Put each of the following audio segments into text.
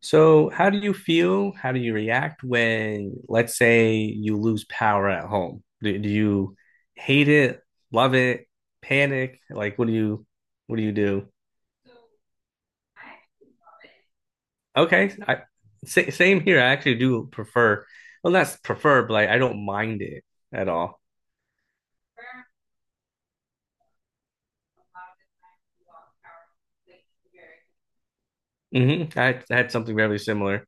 So, how do you feel? How do you react when let's say, you lose power at home? Do you hate it, love it, panic? Like, what do you do? Okay, I same here. I actually do prefer, well, not prefer, but like, I don't mind it at all. I had something very similar.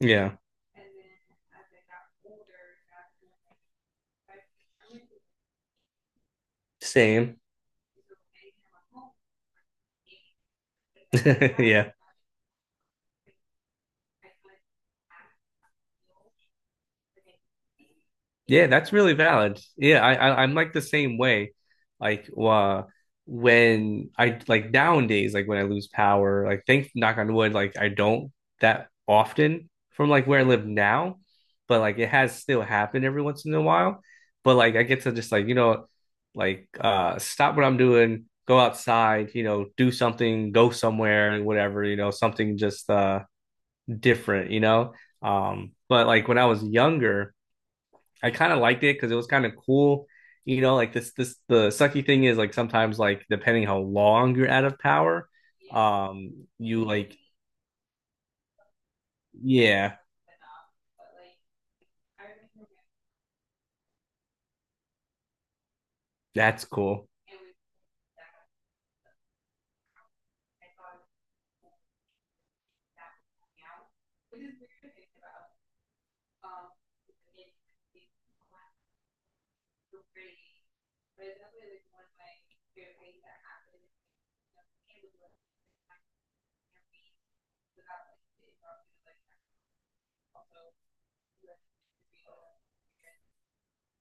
Yeah, same. Yeah. Yeah, that's really valid. Yeah, I'm like the same way. Like uh, when I like nowadays, like when I lose power, like thank knock on wood, like I don't that often from like where I live now, but like it has still happened every once in a while. But like I get to just like, you know, like stop what I'm doing, go outside, you know, do something, go somewhere, whatever, you know, something just different, But like when I was younger I kind of liked it because it was kind of cool. You know, like this the sucky thing is like sometimes like depending how long you're out of power, you like yeah, that's cool.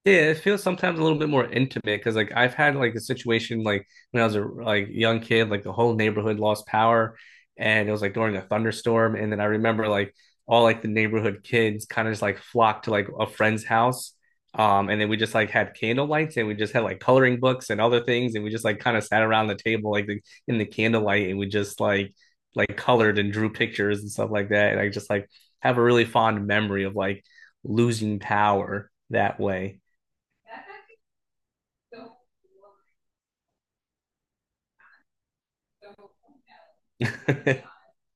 Yeah, it feels sometimes a little bit more intimate because like I've had like a situation like when I was a like young kid, like the whole neighborhood lost power and it was like during a thunderstorm. And then I remember like all like the neighborhood kids kind of just like flocked to like a friend's house. And then we just like had candle lights and we just had like coloring books and other things and we just like kind of sat around the table in the candlelight and we just like colored and drew pictures and stuff like that. And I just like have a really fond memory of like losing power that way.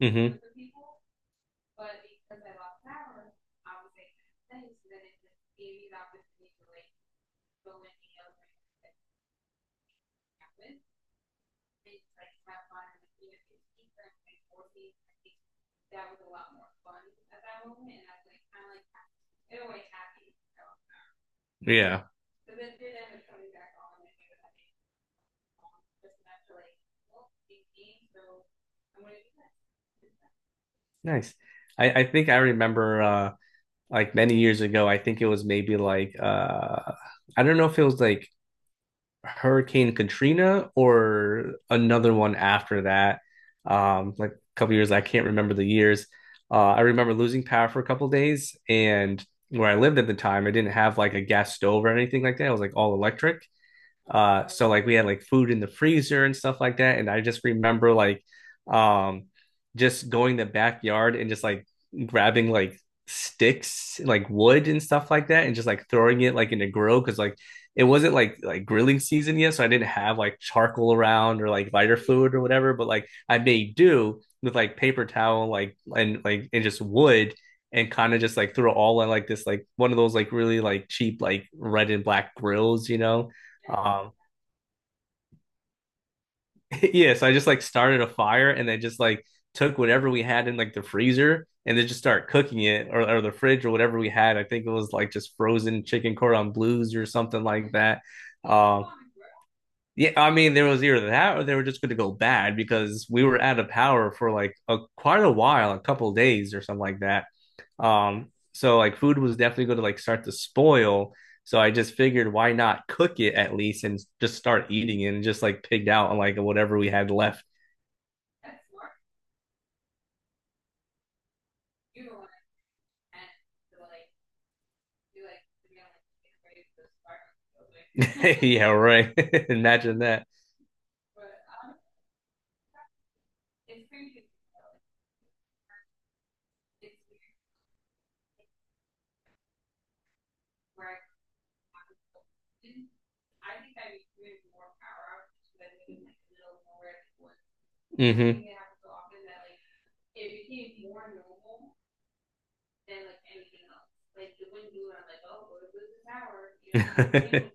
Mm-hmm. Yeah. Nice. I think I remember like many years ago, I think it was maybe like I don't know if it was like Hurricane Katrina or another one after that. Um, like a couple years, I can't remember the years. Uh, I remember losing power for a couple days, and where I lived at the time, I didn't have like a gas stove or anything like that. It was like all electric. So like we had like food in the freezer and stuff like that. And I just remember like um just going to the backyard and just like grabbing like sticks, like wood and stuff like that, and just like throwing it like in a grill because like it wasn't like grilling season yet, so I didn't have like charcoal around or like lighter fluid or whatever. But like I made do with like paper towel, and just wood, and kind of just like threw it all in like this like one of those like really like cheap like red and black grills, you know. Um, yeah, so I just like started a fire and then just like took whatever we had in like the freezer and then just start cooking it or the fridge or whatever we had. I think it was like just frozen chicken cordon blues or something like that. Um, yeah, I mean there was either that or they were just going to go bad because we were out of power for like a quite a while, a couple days or something like that. So like food was definitely going to like start to spoil. So I just figured why not cook it at least and just start eating it and just like pigged out on like whatever we had left. Yeah, right. Imagine that. Mm-hmm.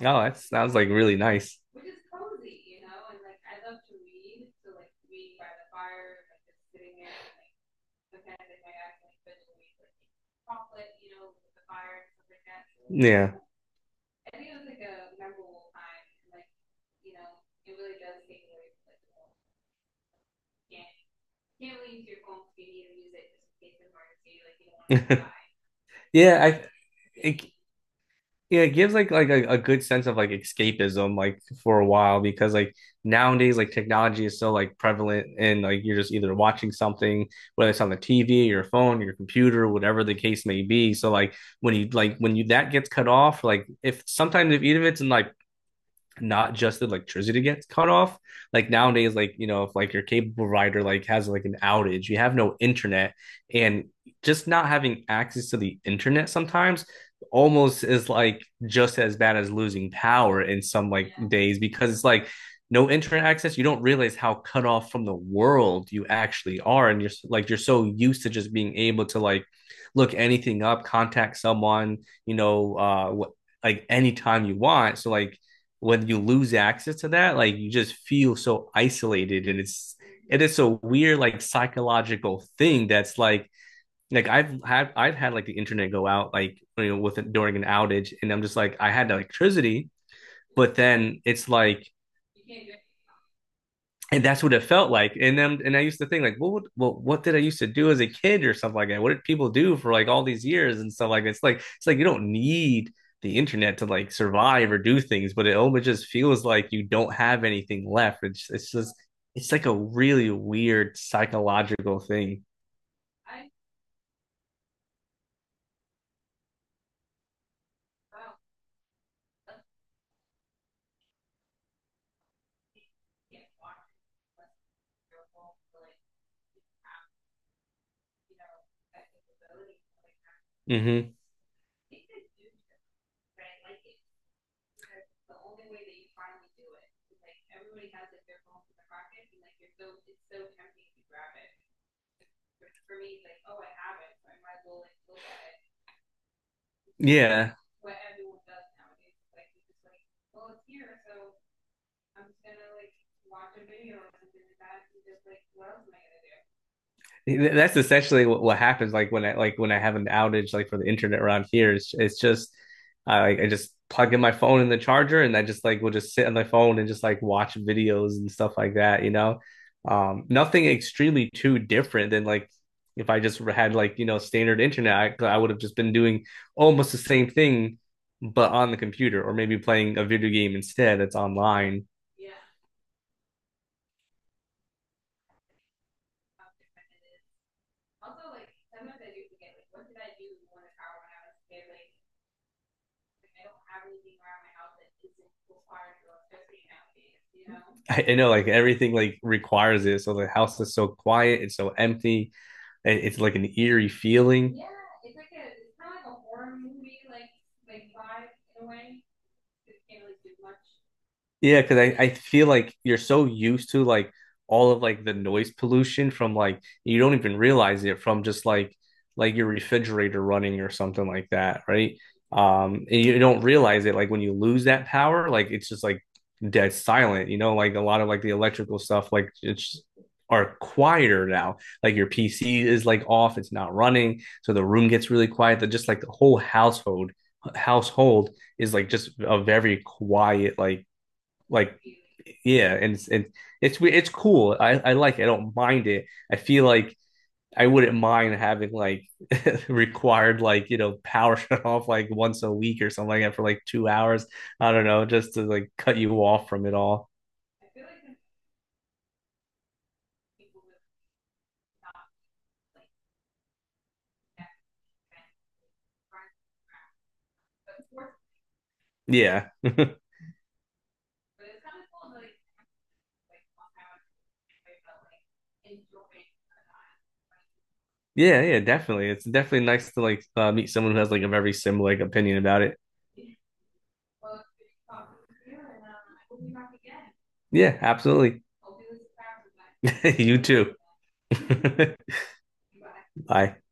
Oh, that sounds like really nice. Yeah. Yeah, I it Yeah, it gives like a good sense of like escapism like for a while, because like nowadays like technology is so like prevalent and like you're just either watching something, whether it's on the TV, your phone, your computer, whatever the case may be. So like when you that gets cut off, like if sometimes if even if it's in like not just the electricity gets cut off. Like nowadays, like you know, if like your cable provider like has like an outage, you have no internet, and just not having access to the internet sometimes almost is like just as bad as losing power in some like days, because it's like no internet access, you don't realize how cut off from the world you actually are, and you're so used to just being able to like look anything up, contact someone, you know, like anytime you want. So like when you lose access to that, like you just feel so isolated, and it is a weird like psychological thing that's like I've had like the internet go out like you know with during an outage, and I'm just like I had electricity but then it's like and that's what it felt like. And then, and I used to think like, well, what did I used to do as a kid or something like that? What did people do for like all these years and stuff like that? It's like you don't need the internet to like survive or do things, but it almost just feels like you don't have anything left. It's just it's like a really weird psychological thing. Mm-hmm. Yeah. That's essentially what happens like when I have an outage like for the internet around here, it's just I like I just plug in my phone in the charger and I just like will just sit on my phone and just like watch videos and stuff like that, you know. Um, nothing extremely too different than like if I just had like you know standard internet, I would have just been doing almost the same thing but on the computer, or maybe playing a video game instead that's online. I know, like everything like requires it, so the house is so quiet, it's so empty. It's like an eerie feeling. Yeah, because I feel like you're so used to like all of like the noise pollution from like you don't even realize it from just like your refrigerator running or something like that, right? And you don't realize it like when you lose that power, like it's just like dead silent, you know, like a lot of like the electrical stuff, like it's are quieter now. Like your PC is like off, it's not running, so the room gets really quiet. That just like the whole household is like just a very quiet like yeah, and it's cool, I like it. I don't mind it, I feel like I wouldn't mind having like required like you know power shut off like once a week or something like that for like 2 hours, I don't know, just to like cut you off from it all. yeah yeah, definitely. It's definitely nice to like meet someone who has like a very similar like opinion about it. yeah, absolutely. you too. bye.